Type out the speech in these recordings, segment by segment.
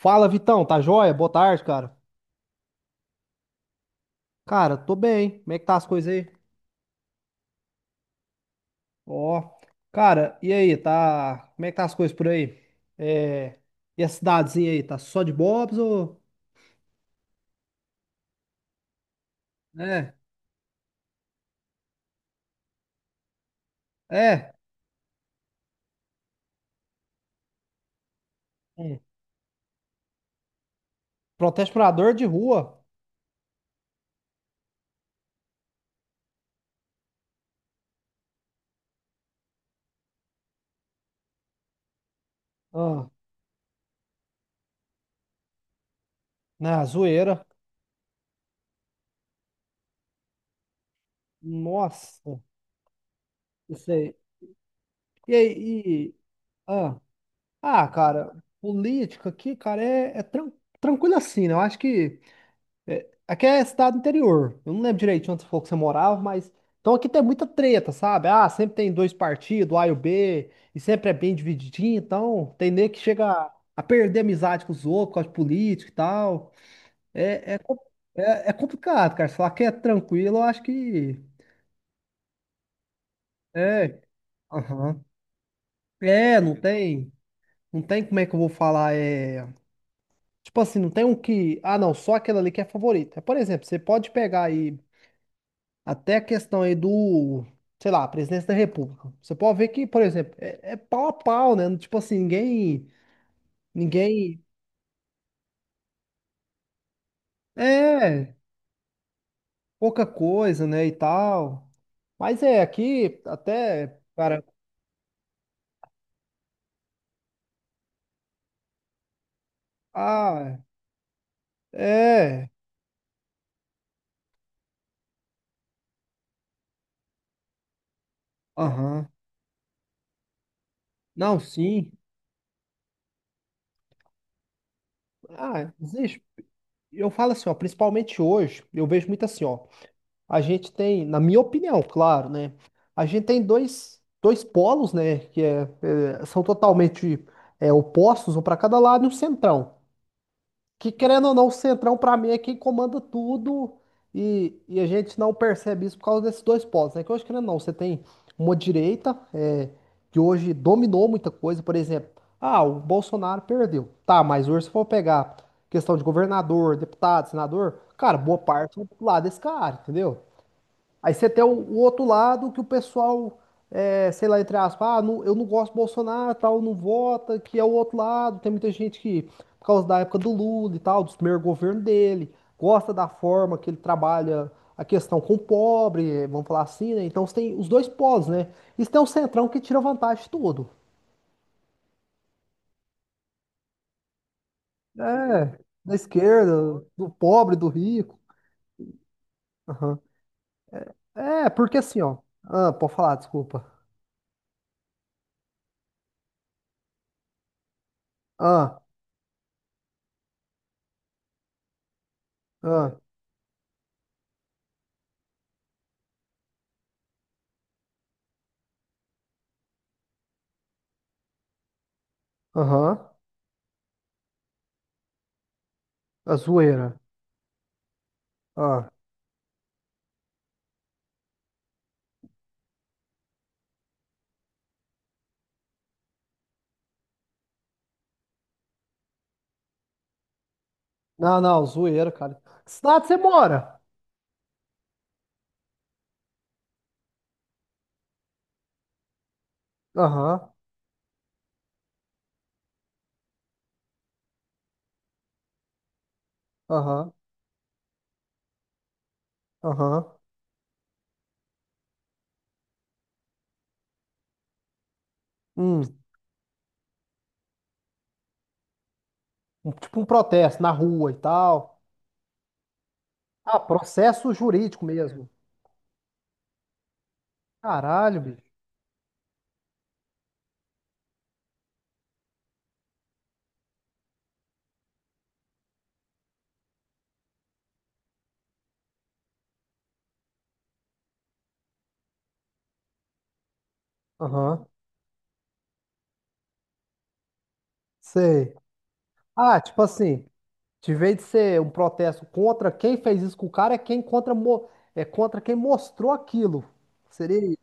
Fala, Vitão, tá joia? Boa tarde, cara. Cara, tô bem. Como é que tá as coisas aí? Ó, cara, e aí, tá? Como é que tá as coisas por aí? É... E a cidadezinha aí, tá só de bobs ou... É, é. Hum. Protesto pra dor de rua. Ah, na zoeira. Nossa, isso aí. E aí. Ah, ah, cara, política aqui, cara, é tranquilo assim, né? Eu acho que. É, aqui é cidade interior. Eu não lembro direito onde você falou que você morava, mas. Então aqui tem muita treta, sabe? Ah, sempre tem dois partidos, A e o B, e sempre é bem divididinho, então tem nego que chega a perder amizade com os outros, por causa de político e tal. É, é, com- é, complicado, cara. Se falar que é tranquilo, eu acho que. É. Aham. É, não tem. Não tem como é que eu vou falar. Tipo assim, não tem um que. Ah, não, só aquele ali que é favorito. É, por exemplo, você pode pegar aí. Até a questão aí do, sei lá, presidência da República. Você pode ver que, por exemplo, é pau a pau, né? Tipo assim, ninguém, ninguém, é, pouca coisa, né, e tal. Mas é, aqui até, cara, ah, é, aham, não, sim, ah, existe. Eu falo assim, ó, principalmente hoje, eu vejo muito assim, ó, a gente tem, na minha opinião, claro, né? A gente tem dois polos, né? Que são totalmente opostos, um para cada lado e um centrão. Que querendo ou não, o centrão para mim é quem comanda tudo e a gente não percebe isso por causa desses dois polos, né? Que hoje, querendo ou não, você tem uma direita que hoje dominou muita coisa, por exemplo, ah, o Bolsonaro perdeu. Tá, mas hoje se for pegar questão de governador, deputado, senador, cara, boa parte é do lado desse cara, entendeu? Aí você tem o outro lado que o pessoal, sei lá, entre aspas, ah, eu não gosto do Bolsonaro, tal, não vota, que é o outro lado. Tem muita gente que, por causa da época do Lula e tal, dos primeiros governos dele, gosta da forma que ele trabalha a questão com o pobre, vamos falar assim, né? Então você tem os dois polos, né? Isso tem um centrão que tira vantagem de tudo. É, da esquerda, do pobre, do rico. Aham. É, porque assim, ó. Ah, pode falar, desculpa. Ah, ah, aham. A zoeira. Ah. Não, não, zoeira, cara. Que cidade você mora? Aham, aham, aham. Hum, tipo um protesto na rua e tal. Ah, processo jurídico mesmo. Caralho, bicho. Aham, sei. Ah, tipo assim, de vez de ser um protesto contra quem fez isso com o cara, é contra quem mostrou aquilo. Seria isso.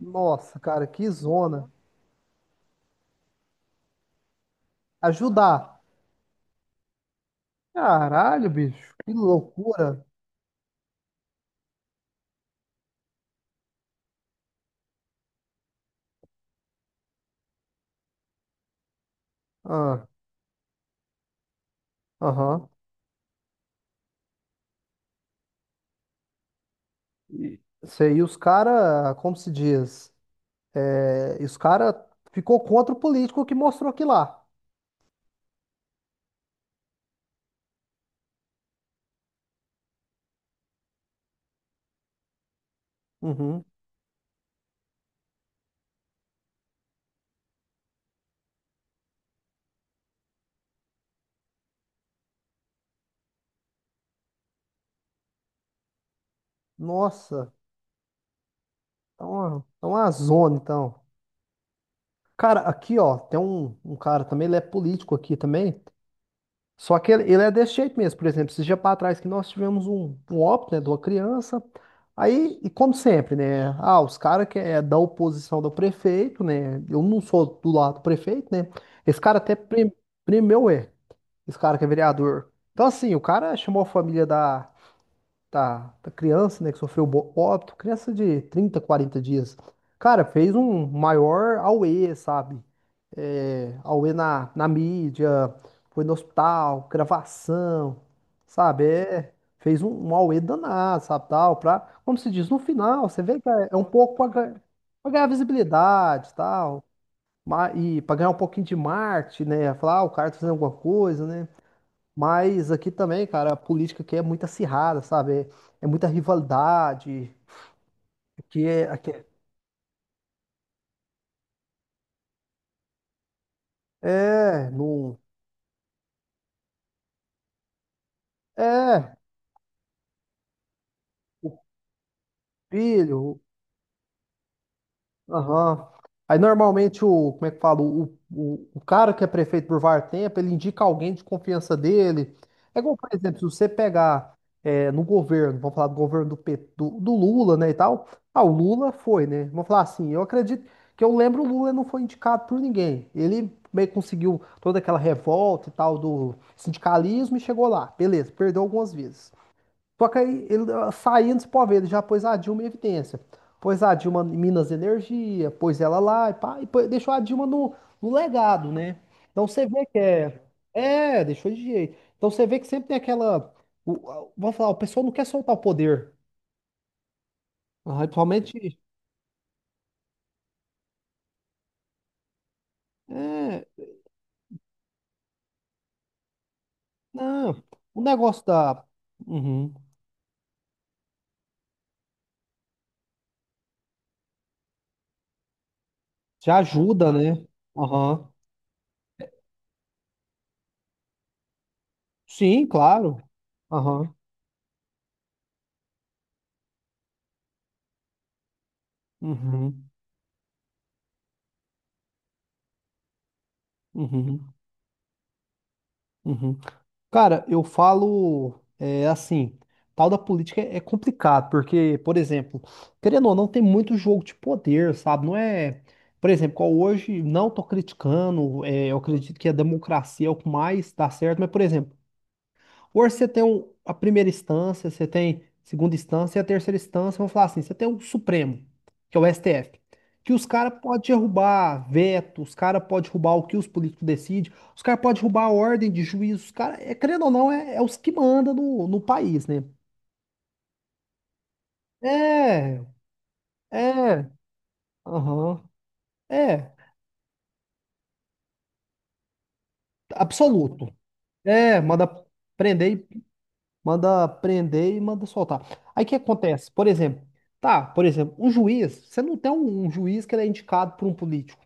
Nossa, cara, que zona. Ajudar. Caralho, bicho. Que loucura. Ah, aham. Sei, e os cara, como se diz, e os cara ficou contra o político que mostrou aqui lá. Uhum. Nossa, tá uma zona, então. Cara, aqui, ó, tem um cara também, ele é político aqui também, só que ele é desse jeito mesmo. Por exemplo, esses dias pra trás que nós tivemos um óbito, né, de uma criança, aí, e como sempre, né, ah, os caras que é da oposição do prefeito, né, eu não sou do lado do prefeito, né, esse cara até primeu é. Esse cara que é vereador. Então, assim, o cara chamou a família da criança, né, que sofreu óbito, criança de 30, 40 dias. Cara, fez um maior auê, sabe? É, auê na mídia, foi no hospital, gravação, sabe? É, fez um auê danado, sabe? Tal, pra, como se diz, no final, você vê que é um pouco pra, pra ganhar visibilidade, tal, e pra ganhar um pouquinho de marketing, né? Falar, ah, o cara tá fazendo alguma coisa, né? Mas aqui também, cara, a política aqui é muito acirrada, sabe? É, muita rivalidade. Aqui é, é, no, é, o filho, Aham. Aí normalmente o, como é que fala, o cara que é prefeito por var tempo, ele indica alguém de confiança dele. É igual, por exemplo, se você pegar no governo, vamos falar do governo do Lula, né, e tal. Ah, o Lula foi, né? Vamos falar assim, eu acredito que eu lembro o Lula não foi indicado por ninguém. Ele meio que conseguiu toda aquela revolta e tal do sindicalismo e chegou lá. Beleza, perdeu algumas vezes. Só que aí ele saindo, você pode ver, ele já pôs a Dilma em evidência. Pôs a Dilma em Minas Energia, pôs ela lá e pá, e deixou a Dilma no legado, né? Então você vê que é. É, deixou de jeito. Então você vê que sempre tem aquela. Vamos falar, o pessoal não quer soltar o poder. Ah, principalmente. É, não. O negócio da. Uhum. Já ajuda, né? Aham. Sim, claro. Aham. Uhum. Uhum. Uhum. Uhum. Cara, eu falo assim, tal da política é complicado, porque, por exemplo, querendo ou não, tem muito jogo de poder, sabe? Não é, por exemplo, qual hoje não tô criticando, eu acredito que a democracia é o que mais dá certo, mas, por exemplo, hoje você tem a primeira instância, você tem segunda instância e a terceira instância, vamos falar assim, você tem o Supremo, que é o STF, que os caras podem derrubar veto, os caras podem derrubar o que os políticos decidem, os caras podem derrubar a ordem de juízo, os caras, querendo ou não, é os que mandam no país, né? É, é, aham, é, absoluto. É, prender manda prender e manda soltar. Aí o que acontece? Por exemplo, tá, por exemplo, o juiz, você não tem um juiz que ele é indicado por um político.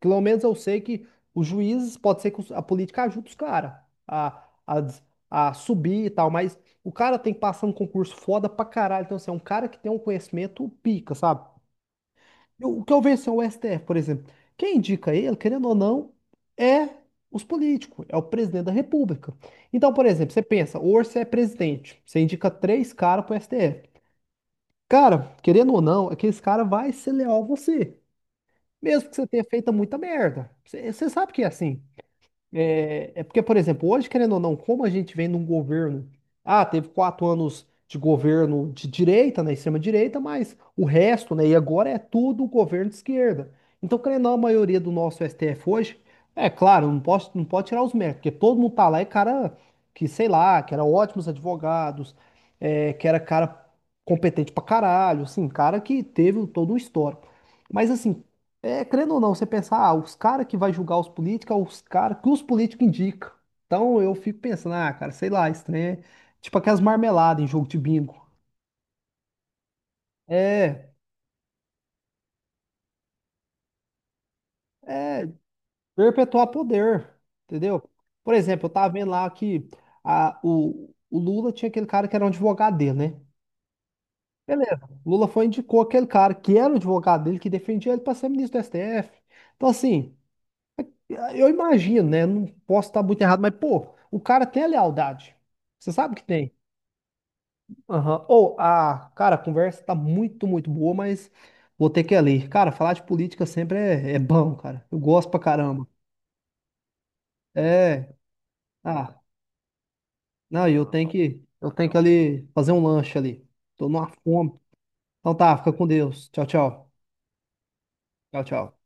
Pelo menos eu sei que os juízes, pode ser que os- a política ajude os caras a, a, des- a subir e tal, mas o cara tem que passar um concurso foda pra caralho. Então, assim, é um cara que tem um conhecimento pica, sabe? O que eu vejo assim, é o STF, por exemplo. Quem indica ele, querendo ou não, é os políticos, é o presidente da República. Então, por exemplo, você pensa, hoje você é presidente, você indica três caras pro STF. Cara, querendo ou não, aqueles cara vai ser leal a você. Mesmo que você tenha feito muita merda. Você sabe que é assim. É, porque, por exemplo, hoje, querendo ou não, como a gente vem num governo. Ah, teve 4 anos de governo de direita, né, extrema-direita, mas o resto, né, e agora é tudo governo de esquerda. Então, querendo ou não, a maioria do nosso STF hoje, é claro, não pode tirar os méritos, porque todo mundo tá lá é cara que, sei lá, que era ótimos advogados, que era cara competente pra caralho, assim, cara que teve todo um histórico. Mas, assim, crendo ou não, você pensar, ah, os caras que vai julgar os políticos, é os caras que os políticos indicam. Então eu fico pensando, ah, cara, sei lá, esse trem é tipo aquelas marmeladas em jogo de bingo. É, perpetuar poder, entendeu? Por exemplo, eu tava vendo lá que o Lula tinha aquele cara que era um advogado dele, né? Beleza, o Lula foi e indicou aquele cara que era o advogado dele, que defendia ele pra ser ministro do STF. Então, assim, eu imagino, né? Não posso estar muito errado, mas, pô, o cara tem a lealdade. Você sabe que tem. Aham. Ou, a conversa tá muito, muito boa, mas vou ter que ir ali. Cara, falar de política sempre é bom, cara. Eu gosto pra caramba. É. Ah, não, e eu tenho que ali fazer um lanche ali. Tô numa fome. Então tá, fica com Deus. Tchau, tchau. Tchau, tchau.